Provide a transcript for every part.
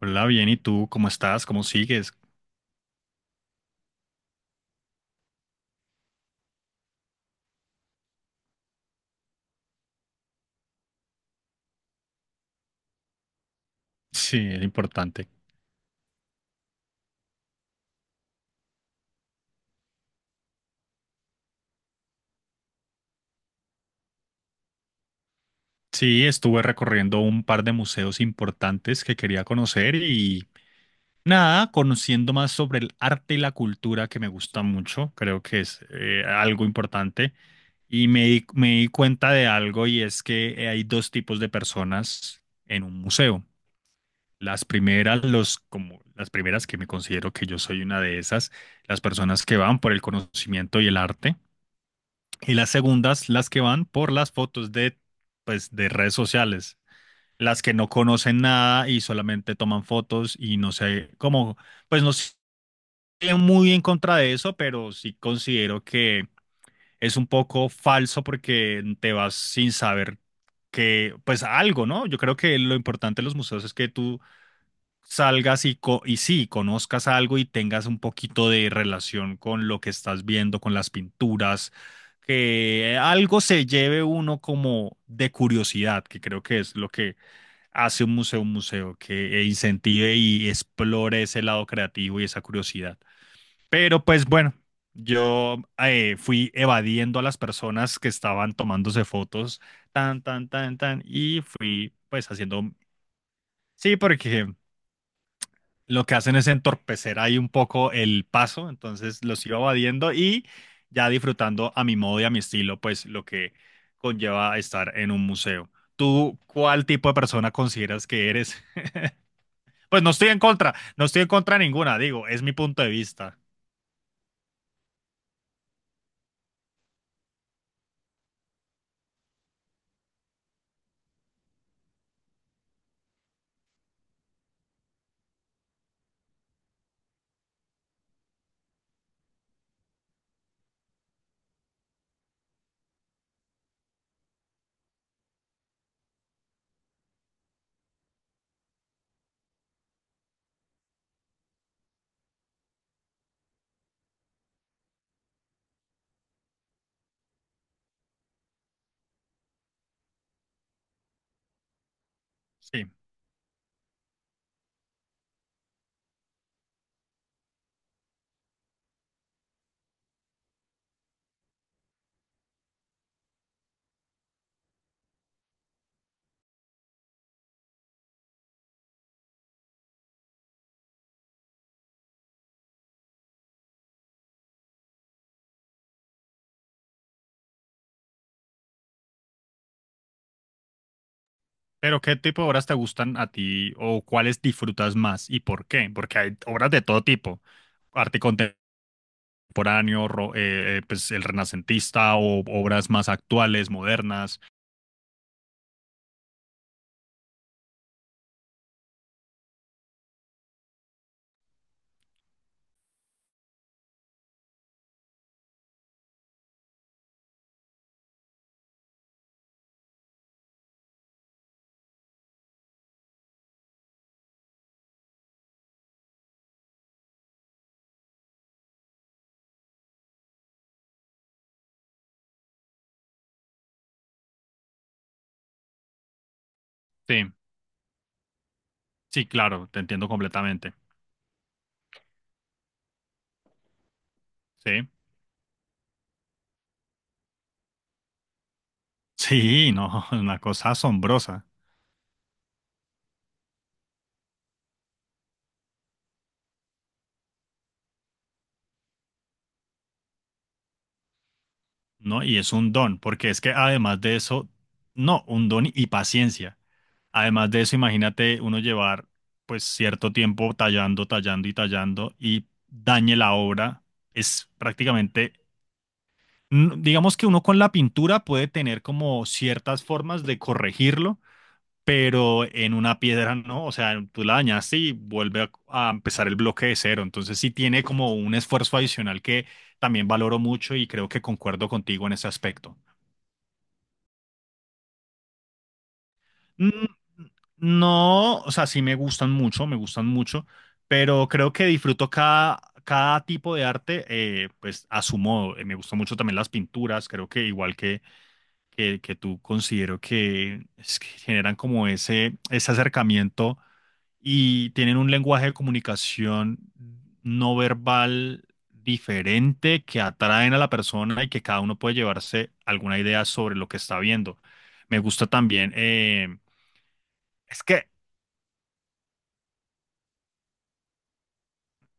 Hola, bien, ¿y tú cómo estás? ¿Cómo sigues? Sí, es importante. Sí, estuve recorriendo un par de museos importantes que quería conocer y nada, conociendo más sobre el arte y la cultura que me gusta mucho, creo que es algo importante. Y me di cuenta de algo y es que hay dos tipos de personas en un museo. Las primeras, los, como las primeras que me considero que yo soy una de esas, las personas que van por el conocimiento y el arte, y las segundas, las que van por las fotos de, pues, de redes sociales, las que no conocen nada y solamente toman fotos y no sé, como, pues no estoy muy en contra de eso, pero sí considero que es un poco falso porque te vas sin saber que, pues algo, ¿no? Yo creo que lo importante de los museos es que tú salgas y, y sí, conozcas algo y tengas un poquito de relación con lo que estás viendo, con las pinturas, que algo se lleve uno como de curiosidad, que creo que es lo que hace un museo, que incentive y explore ese lado creativo y esa curiosidad. Pero pues bueno, yo fui evadiendo a las personas que estaban tomándose fotos, tan, tan, tan, tan, y fui pues haciendo... Sí, porque lo que hacen es entorpecer ahí un poco el paso, entonces los iba evadiendo y ya disfrutando a mi modo y a mi estilo, pues lo que conlleva estar en un museo. ¿Tú cuál tipo de persona consideras que eres? Pues no estoy en contra, no estoy en contra de ninguna, digo, es mi punto de vista. Sí, pero ¿qué tipo de obras te gustan a ti o cuáles disfrutas más y por qué? Porque hay obras de todo tipo, arte contemporáneo, pues el renacentista o obras más actuales, modernas. Sí. Sí, claro, te entiendo completamente. Sí. Sí, no, es una cosa asombrosa, ¿no? Y es un don, porque es que además de eso, no, un don y paciencia. Además de eso, imagínate uno llevar pues cierto tiempo tallando, tallando y tallando y dañe la obra. Es prácticamente, digamos que uno con la pintura puede tener como ciertas formas de corregirlo, pero en una piedra no, o sea, tú la dañaste y vuelve a empezar el bloque de cero, entonces sí tiene como un esfuerzo adicional que también valoro mucho y creo que concuerdo contigo en ese aspecto. Mm, No, o sea, sí me gustan mucho, pero creo que disfruto cada tipo de arte, pues a su modo. Me gustan mucho también las pinturas, creo que igual que que tú considero que, es que generan como ese acercamiento y tienen un lenguaje de comunicación no verbal diferente que atraen a la persona y que cada uno puede llevarse alguna idea sobre lo que está viendo. Me gusta también, es que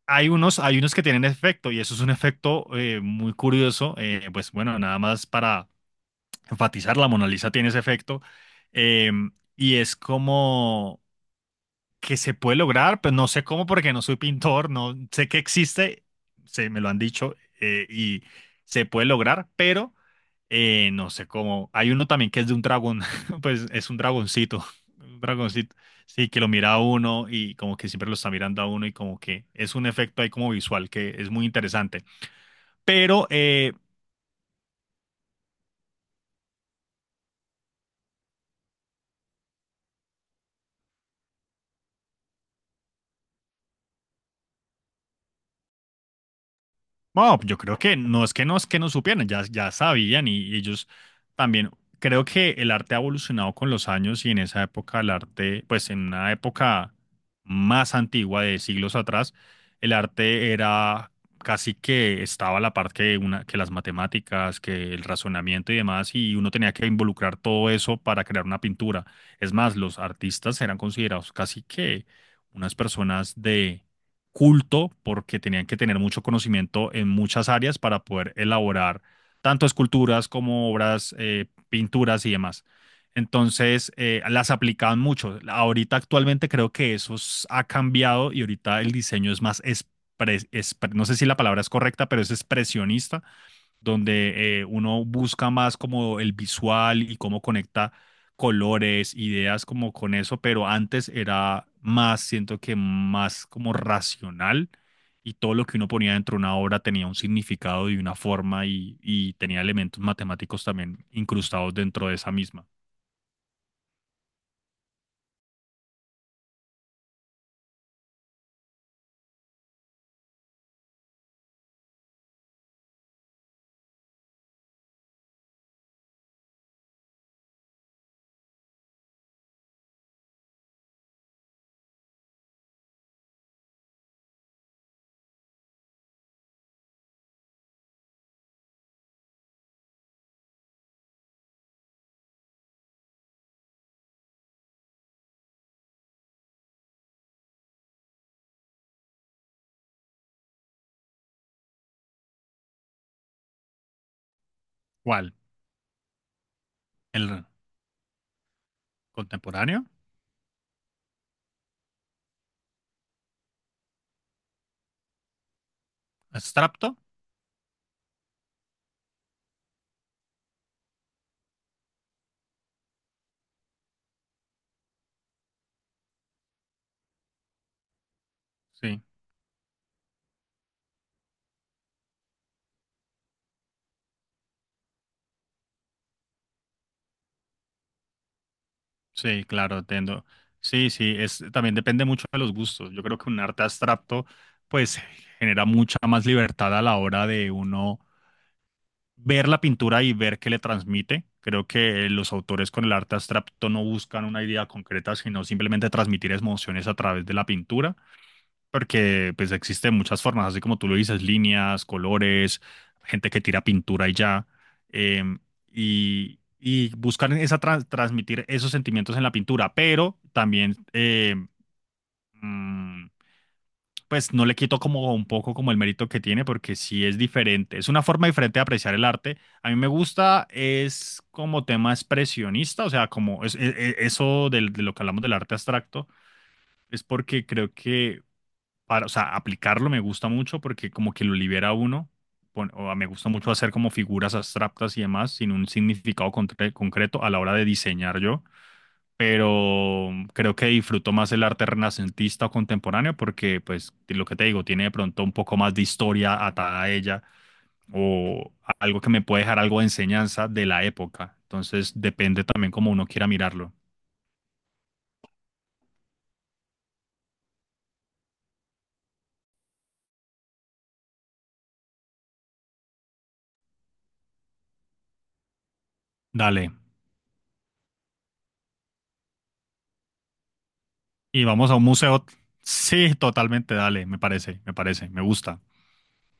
hay unos que tienen efecto y eso es un efecto muy curioso, pues bueno, nada más para enfatizar, la Mona Lisa tiene ese efecto, eh, y es como que se puede lograr, pero no sé cómo porque no soy pintor, no sé que existe, se me lo han dicho, y se puede lograr, pero no sé cómo. Hay uno también que es de un dragón, pues es un dragoncito, sí, que lo mira a uno y como que siempre lo está mirando a uno y como que es un efecto ahí como visual que es muy interesante. Pero eh, Bueno, yo creo que no es que no supieran, ya sabían y ellos también. Creo que el arte ha evolucionado con los años y en esa época el arte, pues en una época más antigua de siglos atrás, el arte era casi que estaba a la par que, una, que las matemáticas, que el razonamiento y demás, y uno tenía que involucrar todo eso para crear una pintura. Es más, los artistas eran considerados casi que unas personas de culto, porque tenían que tener mucho conocimiento en muchas áreas para poder elaborar tanto esculturas como obras, pinturas y demás. Entonces, las aplicaban mucho. Ahorita actualmente creo que eso ha cambiado y ahorita el diseño es más, no sé si la palabra es correcta, pero es expresionista, donde uno busca más como el visual y cómo conecta colores, ideas como con eso, pero antes era más, siento que más como racional, y todo lo que uno ponía dentro de una obra tenía un significado y una forma y tenía elementos matemáticos también incrustados dentro de esa misma. ¿Cuál? ¿El contemporáneo? ¿Abstracto? Sí. Sí, claro, entiendo. Sí, sí, es, también depende mucho de los gustos. Yo creo que un arte abstracto, pues, genera mucha más libertad a la hora de uno ver la pintura y ver qué le transmite. Creo que los autores con el arte abstracto no buscan una idea concreta, sino simplemente transmitir emociones a través de la pintura. Porque pues existen muchas formas, así como tú lo dices, líneas, colores, gente que tira pintura y ya. em, y, y buscar esa transmitir esos sentimientos en la pintura, pero también mm, pues no le quito como un poco como el mérito que tiene, porque sí es diferente. Es una forma diferente de apreciar el arte. A mí me gusta, es como tema expresionista, o sea, como es, eso de lo que hablamos del arte abstracto, es porque creo que para, o sea, aplicarlo me gusta mucho porque como que lo libera a uno, me gusta mucho hacer como figuras abstractas y demás sin un significado concreto a la hora de diseñar yo, pero creo que disfruto más el arte renacentista o contemporáneo porque, pues, lo que te digo, tiene de pronto un poco más de historia atada a ella o algo que me puede dejar algo de enseñanza de la época. Entonces, depende también cómo uno quiera mirarlo. Dale. Y vamos a un museo. Sí, totalmente, dale, me parece, me parece, me gusta.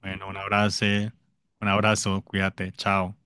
Bueno, un abrazo, cuídate, chao.